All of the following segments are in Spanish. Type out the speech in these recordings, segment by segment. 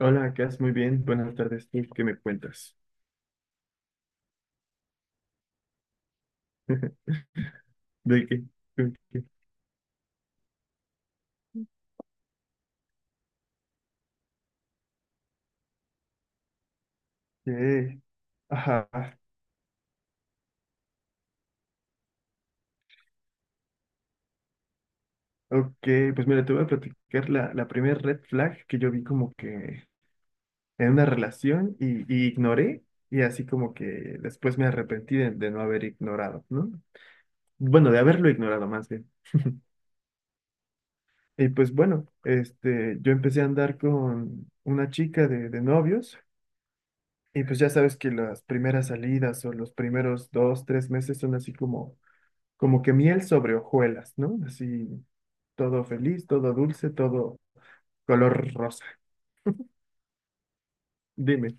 Hola, Cas, muy bien. Buenas tardes. ¿Tú qué me cuentas? ¿De qué? ¿De qué? ¿Qué? Ajá. Ok, pues mira, te voy a platicar la primera red flag que yo vi como que en una relación y ignoré y así como que después me arrepentí de no haber ignorado, ¿no? Bueno, de haberlo ignorado más bien. Y pues bueno, yo empecé a andar con una chica de novios y pues ya sabes que las primeras salidas o los primeros 2, 3 meses son así como que miel sobre hojuelas, ¿no? Así, todo feliz, todo dulce, todo color rosa. Dime.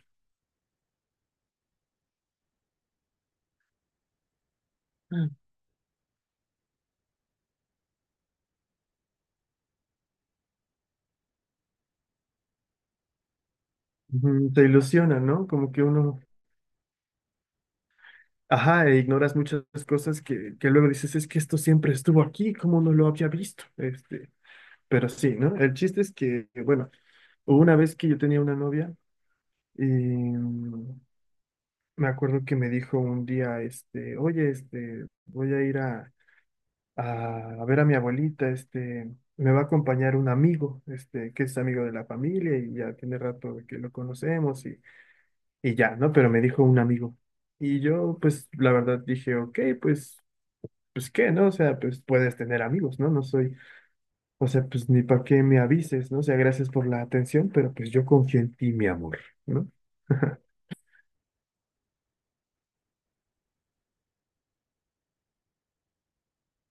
Ujú, te ilusiona, ¿no? Como que uno, ajá, e ignoras muchas cosas que luego dices, es que esto siempre estuvo aquí, ¿cómo no lo había visto? Pero sí, ¿no? El chiste es que, bueno, hubo una vez que yo tenía una novia y me acuerdo que me dijo un día, oye, voy a ir a ver a mi abuelita, me va a acompañar un amigo, que es amigo de la familia y ya tiene rato de que lo conocemos y ya, ¿no? Pero me dijo un amigo. Y yo, pues, la verdad dije, ok, pues, ¿qué, no? O sea, pues, puedes tener amigos, ¿no? No soy, o sea, pues, ni para qué me avises, ¿no? O sea, gracias por la atención, pero pues yo confío en ti, mi amor, ¿no?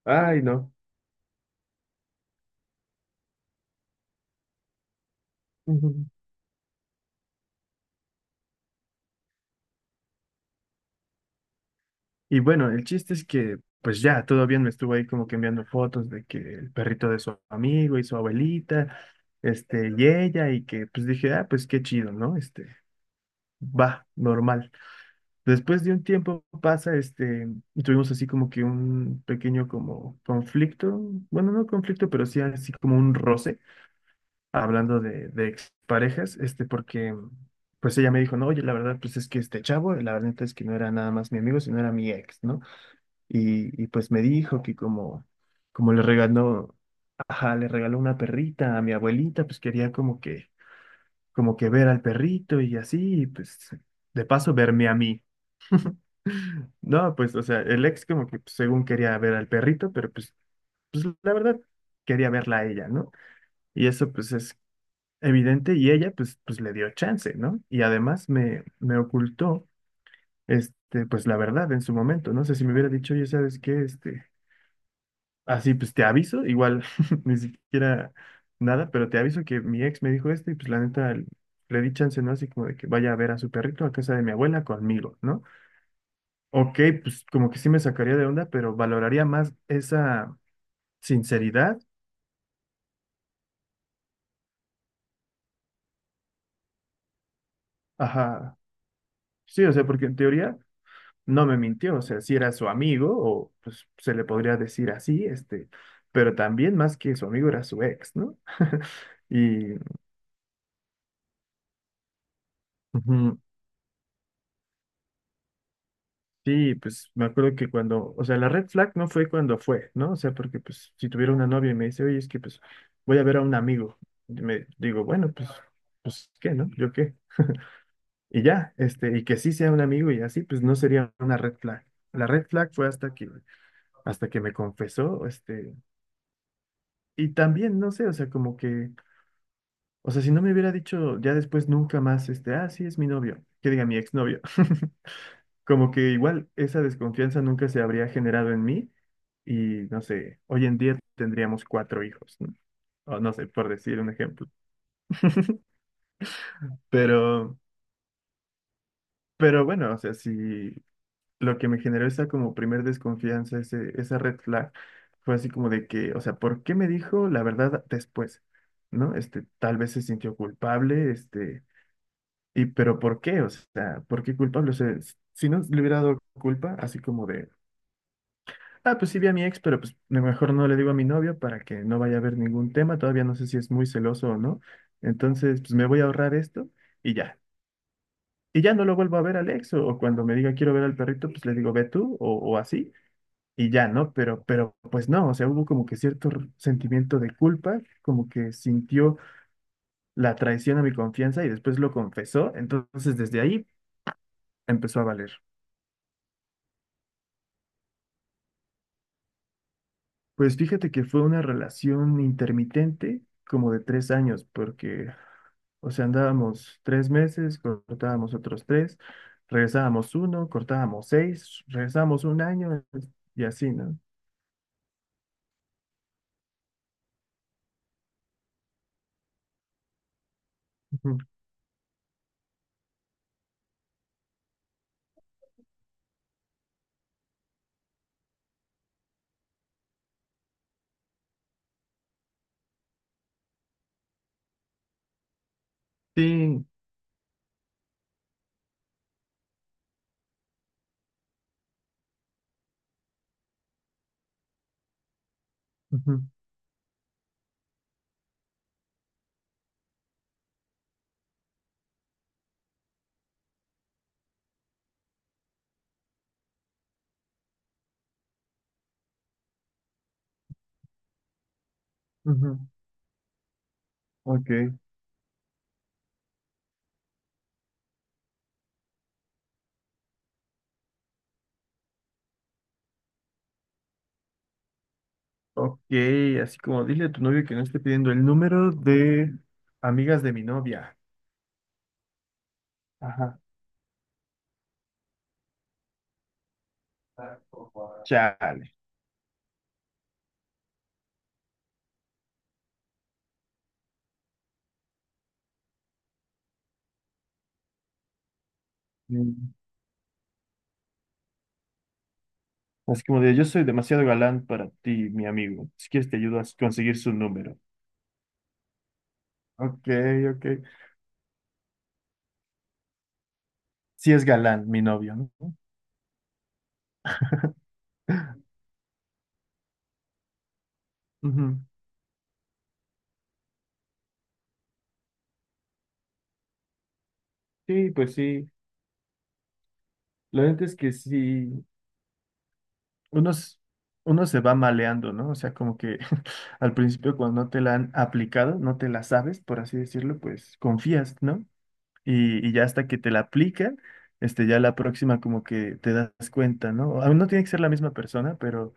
Ay, no. Y bueno, el chiste es que, pues ya, todo bien, me estuvo ahí como que enviando fotos de que el perrito de su amigo y su abuelita, y ella, y que pues dije, ah, pues qué chido, ¿no? Va, normal. Después de un tiempo pasa, y tuvimos así como que un pequeño como conflicto, bueno, no conflicto, pero sí así como un roce, hablando de exparejas, porque pues ella me dijo, no, oye, la verdad, pues es que este chavo, la verdad es que no era nada más mi amigo, sino era mi ex, ¿no? Y pues me dijo que como, como le regaló, ajá, le regaló una perrita a mi abuelita, pues quería como que, ver al perrito y así, y pues de paso verme a mí. No, pues, o sea, el ex como que pues, según quería ver al perrito, pero pues la verdad quería verla a ella, ¿no? Y eso pues es evidente y ella pues le dio chance, ¿no? Y además me ocultó, pues la verdad en su momento, no sé si me hubiera dicho, oye, ¿sabes qué? Así, pues te aviso, igual ni siquiera nada, pero te aviso que mi ex me dijo esto y pues la neta le di chance, ¿no? Así como de que vaya a ver a su perrito a casa de mi abuela conmigo, ¿no? Ok, pues como que sí me sacaría de onda, pero valoraría más esa sinceridad. Ajá, sí, o sea, porque en teoría no me mintió, o sea, si era su amigo o pues se le podría decir así, pero también más que su amigo era su ex, ¿no? Y... Ujú. Sí, pues me acuerdo que cuando, o sea, la red flag no fue cuando fue, ¿no? O sea, porque pues si tuviera una novia y me dice, oye, es que pues voy a ver a un amigo, y me digo, bueno, pues, ¿qué, no? ¿Yo qué? Y ya, y que sí sea un amigo y así, pues no sería una red flag. La red flag fue hasta que me confesó, y también, no sé, o sea, como que, o sea, si no me hubiera dicho ya después nunca más, ah, sí, es mi novio, que diga mi exnovio. Como que igual esa desconfianza nunca se habría generado en mí y no sé, hoy en día tendríamos cuatro hijos, ¿no? O no sé, por decir un ejemplo. Pero, pero bueno, o sea, si lo que me generó esa como primer desconfianza, esa red flag, fue así como de que, o sea, ¿por qué me dijo la verdad después? ¿No? Tal vez se sintió culpable, y pero ¿por qué? O sea, ¿por qué culpable? O sea, si no le hubiera dado culpa, así como de: ah, pues sí vi a mi ex, pero pues lo mejor no le digo a mi novio para que no vaya a haber ningún tema. Todavía no sé si es muy celoso o no. Entonces, pues me voy a ahorrar esto y ya. Y ya no lo vuelvo a ver al ex o cuando me diga quiero ver al perrito, pues le digo ve tú o así y ya, ¿no? Pero pues no, o sea, hubo como que cierto sentimiento de culpa, como que sintió la traición a mi confianza y después lo confesó. Entonces, desde ahí empezó a valer. Pues fíjate que fue una relación intermitente como de 3 años, porque, o sea, andábamos 3 meses, cortábamos otros tres, regresábamos uno, cortábamos seis, regresábamos un año y así, ¿no? Ujú. Sí. Ujú, ujú. Ok. Ok, así como dile a tu novio que no esté pidiendo el número de amigas de mi novia. Ajá. Chale. Mm. Así como de, yo soy demasiado galán para ti, mi amigo. Si quieres te ayudo a conseguir su número. Ok, ok. Sí es galán, mi novio, ¿no? Ujú. Sí, pues sí. Lo verdad es que sí, uno, s- uno se va maleando, ¿no? O sea, como que al principio cuando no te la han aplicado, no te la sabes, por así decirlo, pues confías, ¿no? Y ya hasta que te la aplican, ya la próxima como que te das cuenta, ¿no? A no tiene que ser la misma persona, pero,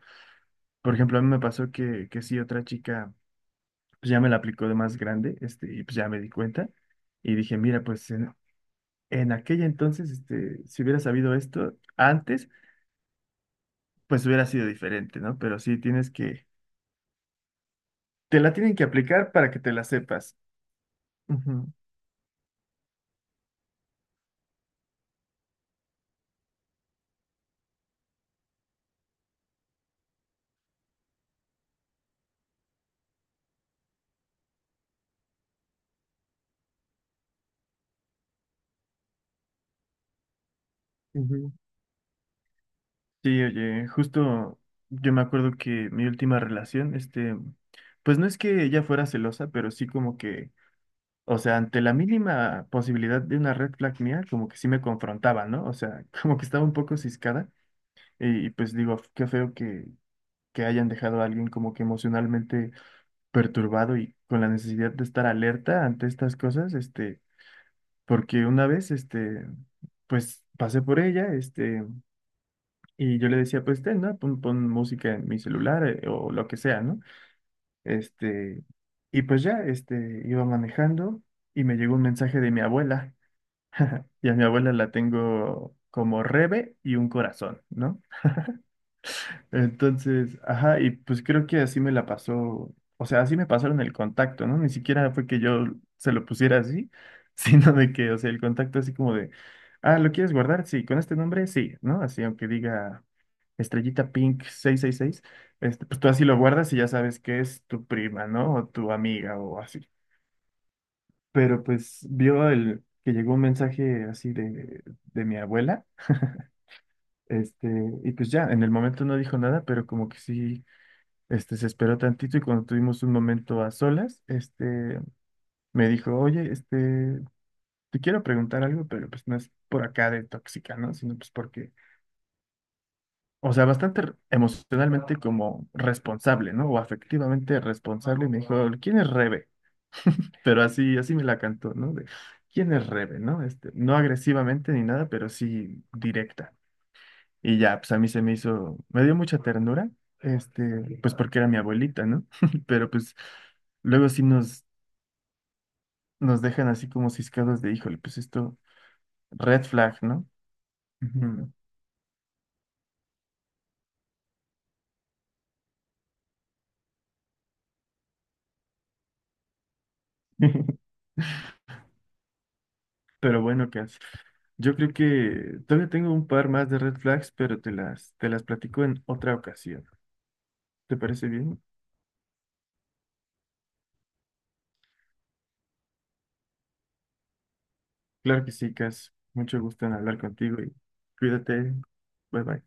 por ejemplo, a mí me pasó que sí, otra chica, pues ya me la aplicó de más grande, y pues ya me di cuenta y dije, mira, pues en aquella entonces, si hubiera sabido esto antes, pues hubiera sido diferente, ¿no? Pero sí tienes que, te la tienen que aplicar para que te la sepas. Ujú, ujú. Sí, oye, justo yo me acuerdo que mi última relación, pues no es que ella fuera celosa, pero sí como que, o sea, ante la mínima posibilidad de una red flag mía, como que sí me confrontaba, ¿no? O sea, como que estaba un poco ciscada y pues digo, qué feo que hayan dejado a alguien como que emocionalmente perturbado y con la necesidad de estar alerta ante estas cosas, porque una vez, pues pasé por ella, y yo le decía, pues ten, ¿no? Pon música en mi celular, o lo que sea, ¿no? Este, y pues ya, iba manejando y me llegó un mensaje de mi abuela, y a mi abuela la tengo como Rebe y un corazón, ¿no? Entonces, ajá, y pues creo que así me la pasó, o sea, así me pasaron el contacto, ¿no? Ni siquiera fue que yo se lo pusiera así, sino de que, o sea, el contacto así como de, ah, ¿lo quieres guardar? Sí, con este nombre, sí, ¿no? Así, aunque diga estrellita pink 666, pues tú así lo guardas y ya sabes que es tu prima, ¿no? O tu amiga o así. Pero pues vio el que llegó un mensaje así de mi abuela, este, y pues ya, en el momento no dijo nada, pero como que sí. Se esperó tantito y cuando tuvimos un momento a solas, me dijo, oye, te quiero preguntar algo, pero pues no es por acá de tóxica, ¿no? Sino pues porque, o sea, bastante emocionalmente como responsable, ¿no? O afectivamente responsable. Y me dijo, ¿quién es Rebe? Pero así, así me la cantó, ¿no? De, ¿quién es Rebe? ¿No? No agresivamente ni nada, pero sí directa. Y ya, pues a mí se me hizo, me dio mucha ternura, pues porque era mi abuelita, ¿no? Pero pues... Luego sí nos dejan así como ciscados de, híjole, pues esto, red flag, ¿no? Ujú. Pero bueno, Cass, yo creo que todavía tengo un par más de red flags, pero te las platico en otra ocasión. ¿Te parece bien? Claro que sí, Cass. Mucho gusto en hablar contigo y cuídate. Bye bye.